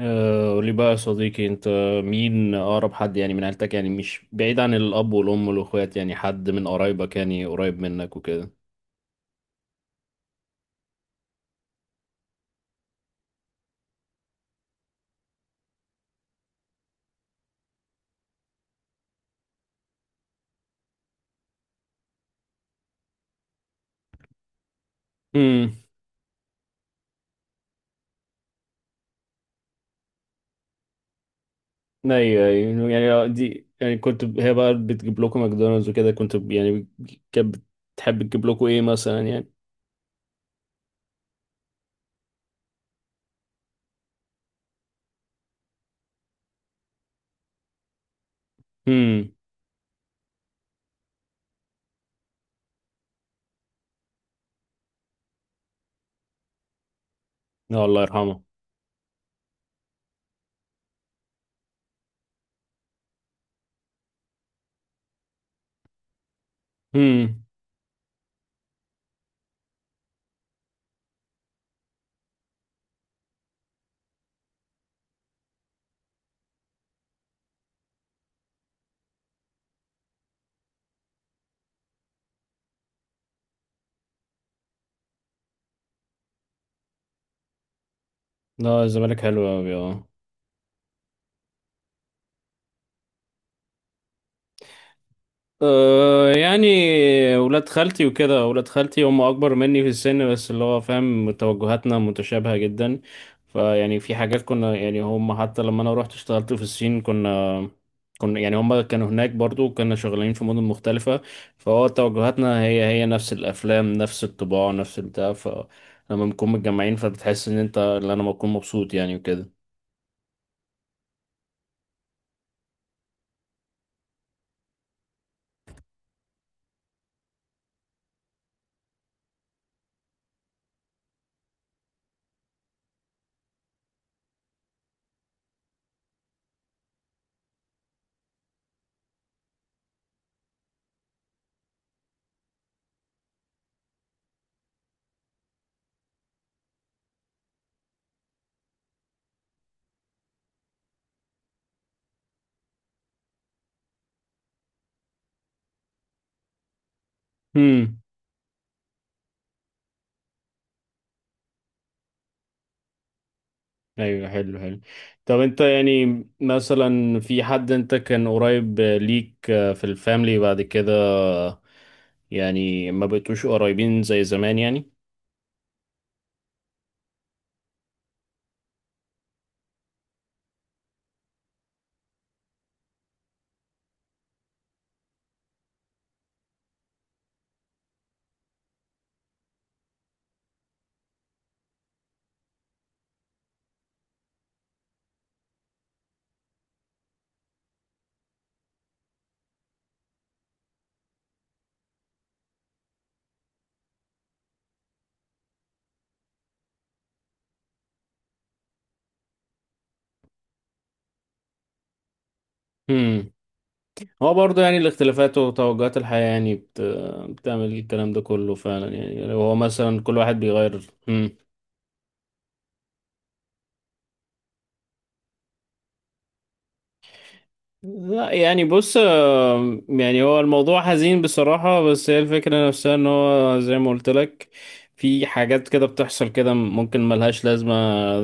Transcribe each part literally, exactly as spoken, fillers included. آه، قولي بقى يا صديقي انت مين اقرب حد؟ يعني من عيلتك، يعني مش بعيد عن الاب والام والاخوات، يعني حد من قرايبك يعني قريب منك وكده. امم ايوه أيوة. يعني دي، يعني كنت ب- هي بقى بتجيب لكم ماكدونالدز وكده، كنت ب- يعني كانت بتحب تجيب لكم ايه مثلا يعني؟ امم لا، الله يرحمه. امم لا، الزمالك حلو قوي اه. أه يعني ولاد خالتي وكده، ولاد خالتي هم اكبر مني في السن، بس اللي هو فاهم توجهاتنا متشابهة جدا. فيعني في حاجات كنا يعني هم، حتى لما انا رحت اشتغلت في الصين كنا كنا يعني هم كانوا هناك برضو، كنا شغالين في مدن مختلفة. فهو توجهاتنا هي هي نفس الافلام، نفس الطباع، نفس البتاع. فلما بنكون متجمعين فبتحس ان انت، اللي انا بكون مبسوط يعني وكده. ايوه، حلو حلو. طب انت يعني مثلا في حد انت كان قريب ليك في الفاميلي بعد كده يعني ما بقيتوش قريبين زي زمان يعني؟ امم. هو برضه يعني الاختلافات وتوجهات الحياة يعني بت... بتعمل الكلام ده كله فعلا يعني، لو هو مثلا كل واحد بيغير. امم لا، يعني بص، آه، يعني هو الموضوع حزين بصراحة، بس هي الفكرة نفسها ان هو زي ما قلت لك، في حاجات كده بتحصل كده ممكن ملهاش لازمة،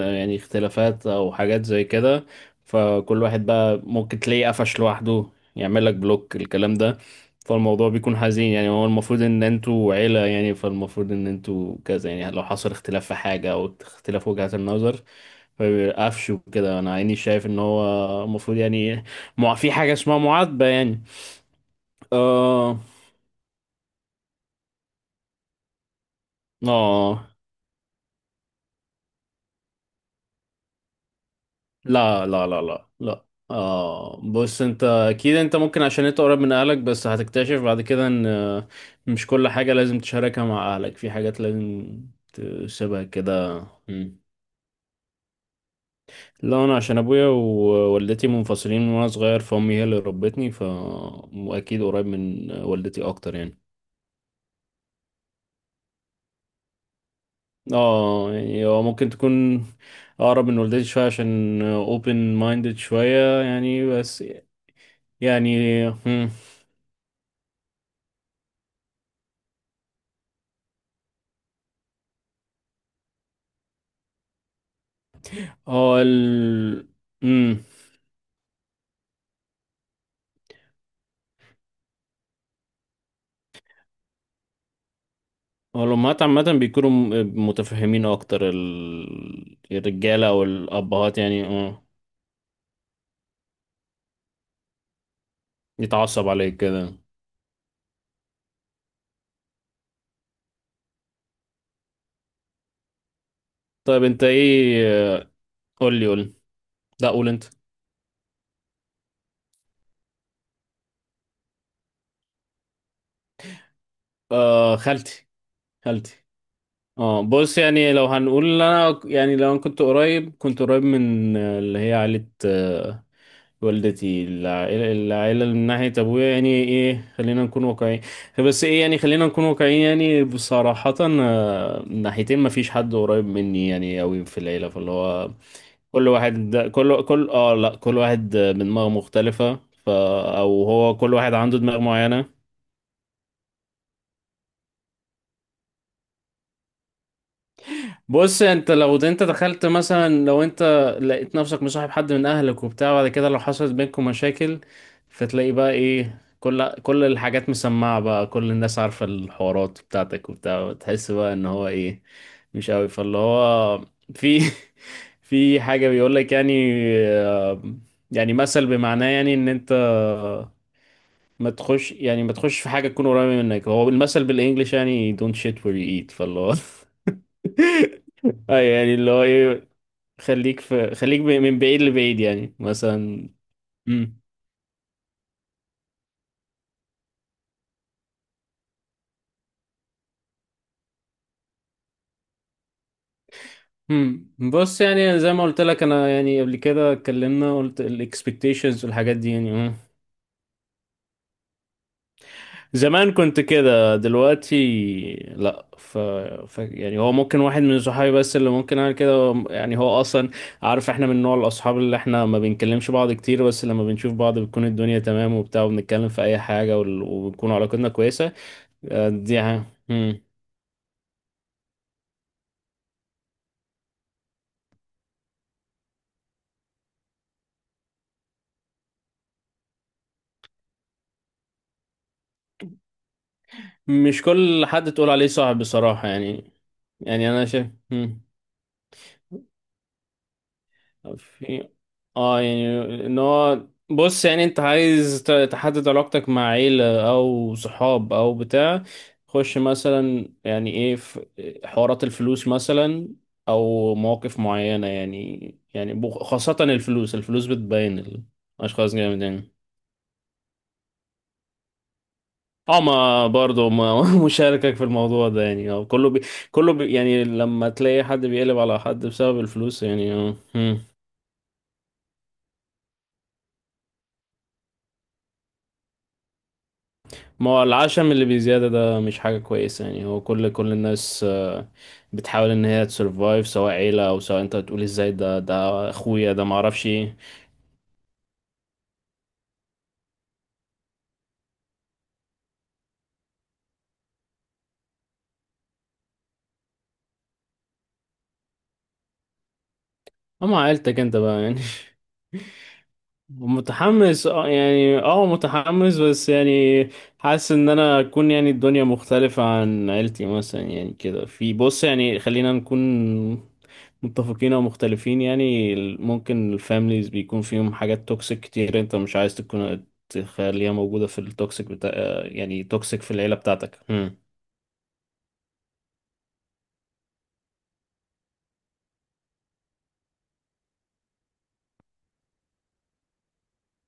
يعني اختلافات او حاجات زي كده. فكل واحد بقى ممكن تلاقيه قفش لوحده، يعمل لك بلوك الكلام ده. فالموضوع بيكون حزين، يعني هو المفروض ان انتوا عيلة يعني، فالمفروض ان انتوا كذا يعني. لو حصل اختلاف في حاجة او اختلاف وجهات النظر فبيبقى قفش وكده. انا عيني شايف ان هو المفروض يعني ما في حاجة اسمها معاتبة يعني. اه. اه، لا لا لا لا لا اه بص، انت اكيد، انت ممكن عشان انت قريب من اهلك، بس هتكتشف بعد كده ان آه، مش كل حاجة لازم تشاركها مع اهلك، في حاجات لازم تسيبها كده. مم. لا انا عشان ابويا ووالدتي منفصلين من وانا صغير، فامي هي اللي ربتني. ف واكيد قريب من والدتي اكتر يعني. اه يعني هو ممكن تكون اقرب من والدتي شويه عشان اوبن مايندد شويه يعني، بس يعني هم، هو ال امم، هو الامهات عامه بيكونوا م- متفهمين اكتر ال- الرجاله او الابهات يعني اه. يتعصب عليك كده. طيب انت ايه؟ قول لي، قول لي. لا، قول انت. آه، خالتي. خالتي. اه بص يعني لو هنقول انا يعني، لو انا كنت قريب، كنت قريب من اللي هي عائله والدتي، العائلة العائلة من ناحية أبويا يعني إيه. خلينا نكون واقعيين، بس إيه يعني، خلينا نكون واقعيين يعني بصراحة، آه، من ناحيتين مفيش حد قريب مني يعني أوي في العيلة، فاللي هو كل واحد ده كل كل اه لا، كل واحد بدماغ مختلفة. ف او هو كل واحد عنده دماغ معينة. بص انت لو انت دخلت مثلا، لو انت لقيت نفسك مصاحب حد من اهلك وبتاع، بعد كده لو حصلت بينكم مشاكل فتلاقي بقى ايه، كل كل الحاجات مسمعة بقى، كل الناس عارفة الحوارات بتاعتك وبتاع، تحس بقى ان هو ايه، مش قوي، فاللي هو في في حاجة بيقول لك يعني، آه، يعني مثل بمعناه يعني ان انت ما تخش يعني ما تخش في حاجة تكون قريبة منك. هو المثل بالانجلش يعني don't shit where you eat، فاللي هو اه يعني اللي هو ايه، خليك في خليك ب- من بعيد لبعيد يعني مثلا. امم امم بص يعني زي ما قلت لك انا، يعني قبل كده اتكلمنا قلت الاكسبكتيشنز والحاجات دي يعني. مم. زمان كنت كده، دلوقتي لا. ف... ف يعني هو ممكن واحد من صحابي بس اللي ممكن اعمل كده يعني، هو اصلا عارف احنا من نوع الاصحاب اللي احنا ما بنكلمش بعض كتير، بس لما بنشوف بعض بتكون الدنيا تمام وبتاع، وبنتكلم في اي حاجة وال- وبتكون علاقتنا كويسة. آه، دي ها. مش كل حد تقول عليه صاحب بصراحة يعني. يعني أنا شايف مم. في اه يعني ان هو بص يعني انت عايز ت- تحدد علاقتك مع عيلة او صحاب او بتاع، خش مثلا يعني ايه في حوارات الفلوس مثلا او مواقف معينة يعني، يعني بخ- خاصة الفلوس. الفلوس بتبين الاشخاص جامد يعني. اه ما برضه ما مشاركك في الموضوع ده يعني. اه كله بي كله بي يعني لما تلاقي حد بيقلب على حد بسبب الفلوس يعني اه. مم. ما هو العشم اللي بزيادة ده مش حاجة كويسة يعني، هو كل كل الناس آه، بتحاول ان هي تسرفايف، سواء عيلة او سواء انت تقول ازاي، ده ده اخويا ده معرفش ايه. اما عيلتك انت بقى يعني متحمس؟ اه يعني اه متحمس بس يعني حاسس ان انا اكون يعني الدنيا مختلفة عن عيلتي مثلا يعني كده. في بص يعني خلينا نكون متفقين او مختلفين يعني، ال- ممكن الفاميليز بيكون فيهم حاجات توكسيك كتير، انت مش عايز تكون تخليها موجودة في التوكسيك بتاع، يعني توكسيك في العيلة بتاعتك. هم.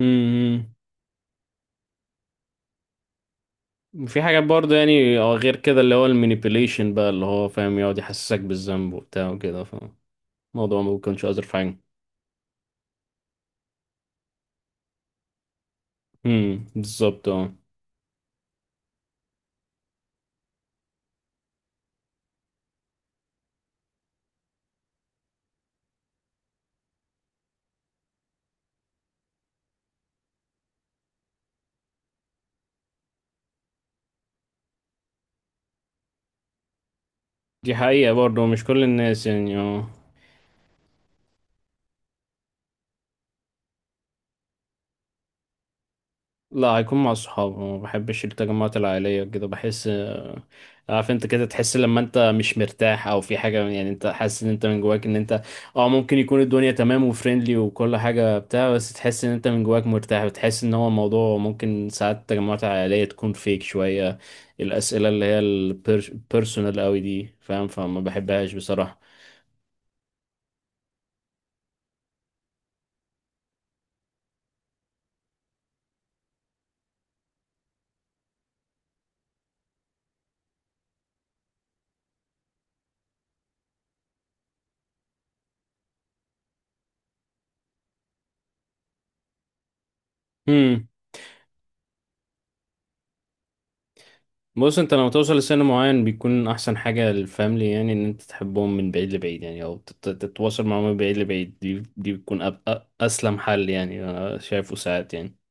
امم في حاجات برضه يعني اه، غير كده اللي هو المانيبيوليشن بقى اللي هو فاهم، يقعد يحسسك بالذنب وبتاع وكده، فالموضوع ما بيكونش أظرف حاجة. امم بالظبط اه. دي حقيقة برضه، مش كل الناس يعني اه. لا، هيكون مع الصحاب. ما بحبش التجمعات العائلية كده، بحس آه، عارف انت كده تحس لما انت مش مرتاح او في حاجة يعني، انت حاسس ان انت من جواك ان انت اه، ممكن يكون الدنيا تمام وفريندلي وكل حاجة بتاع، بس تحس ان انت من جواك مرتاح، وتحس ان هو الموضوع ممكن ساعات التجمعات العائلية تكون فيك شوية الأسئلة اللي هي البيرسونال قوي دي فاهم، فما بحبهاش بصراحة. بص انت لما توصل لسن معين بيكون احسن حاجة للفاميلي يعني، ان انت تحبهم من بعيد لبعيد يعني، او تت- تتواصل معاهم من بعيد لبعيد، دي دي بتكون أب- أ- اسلم حل يعني انا شايفه ساعات يعني.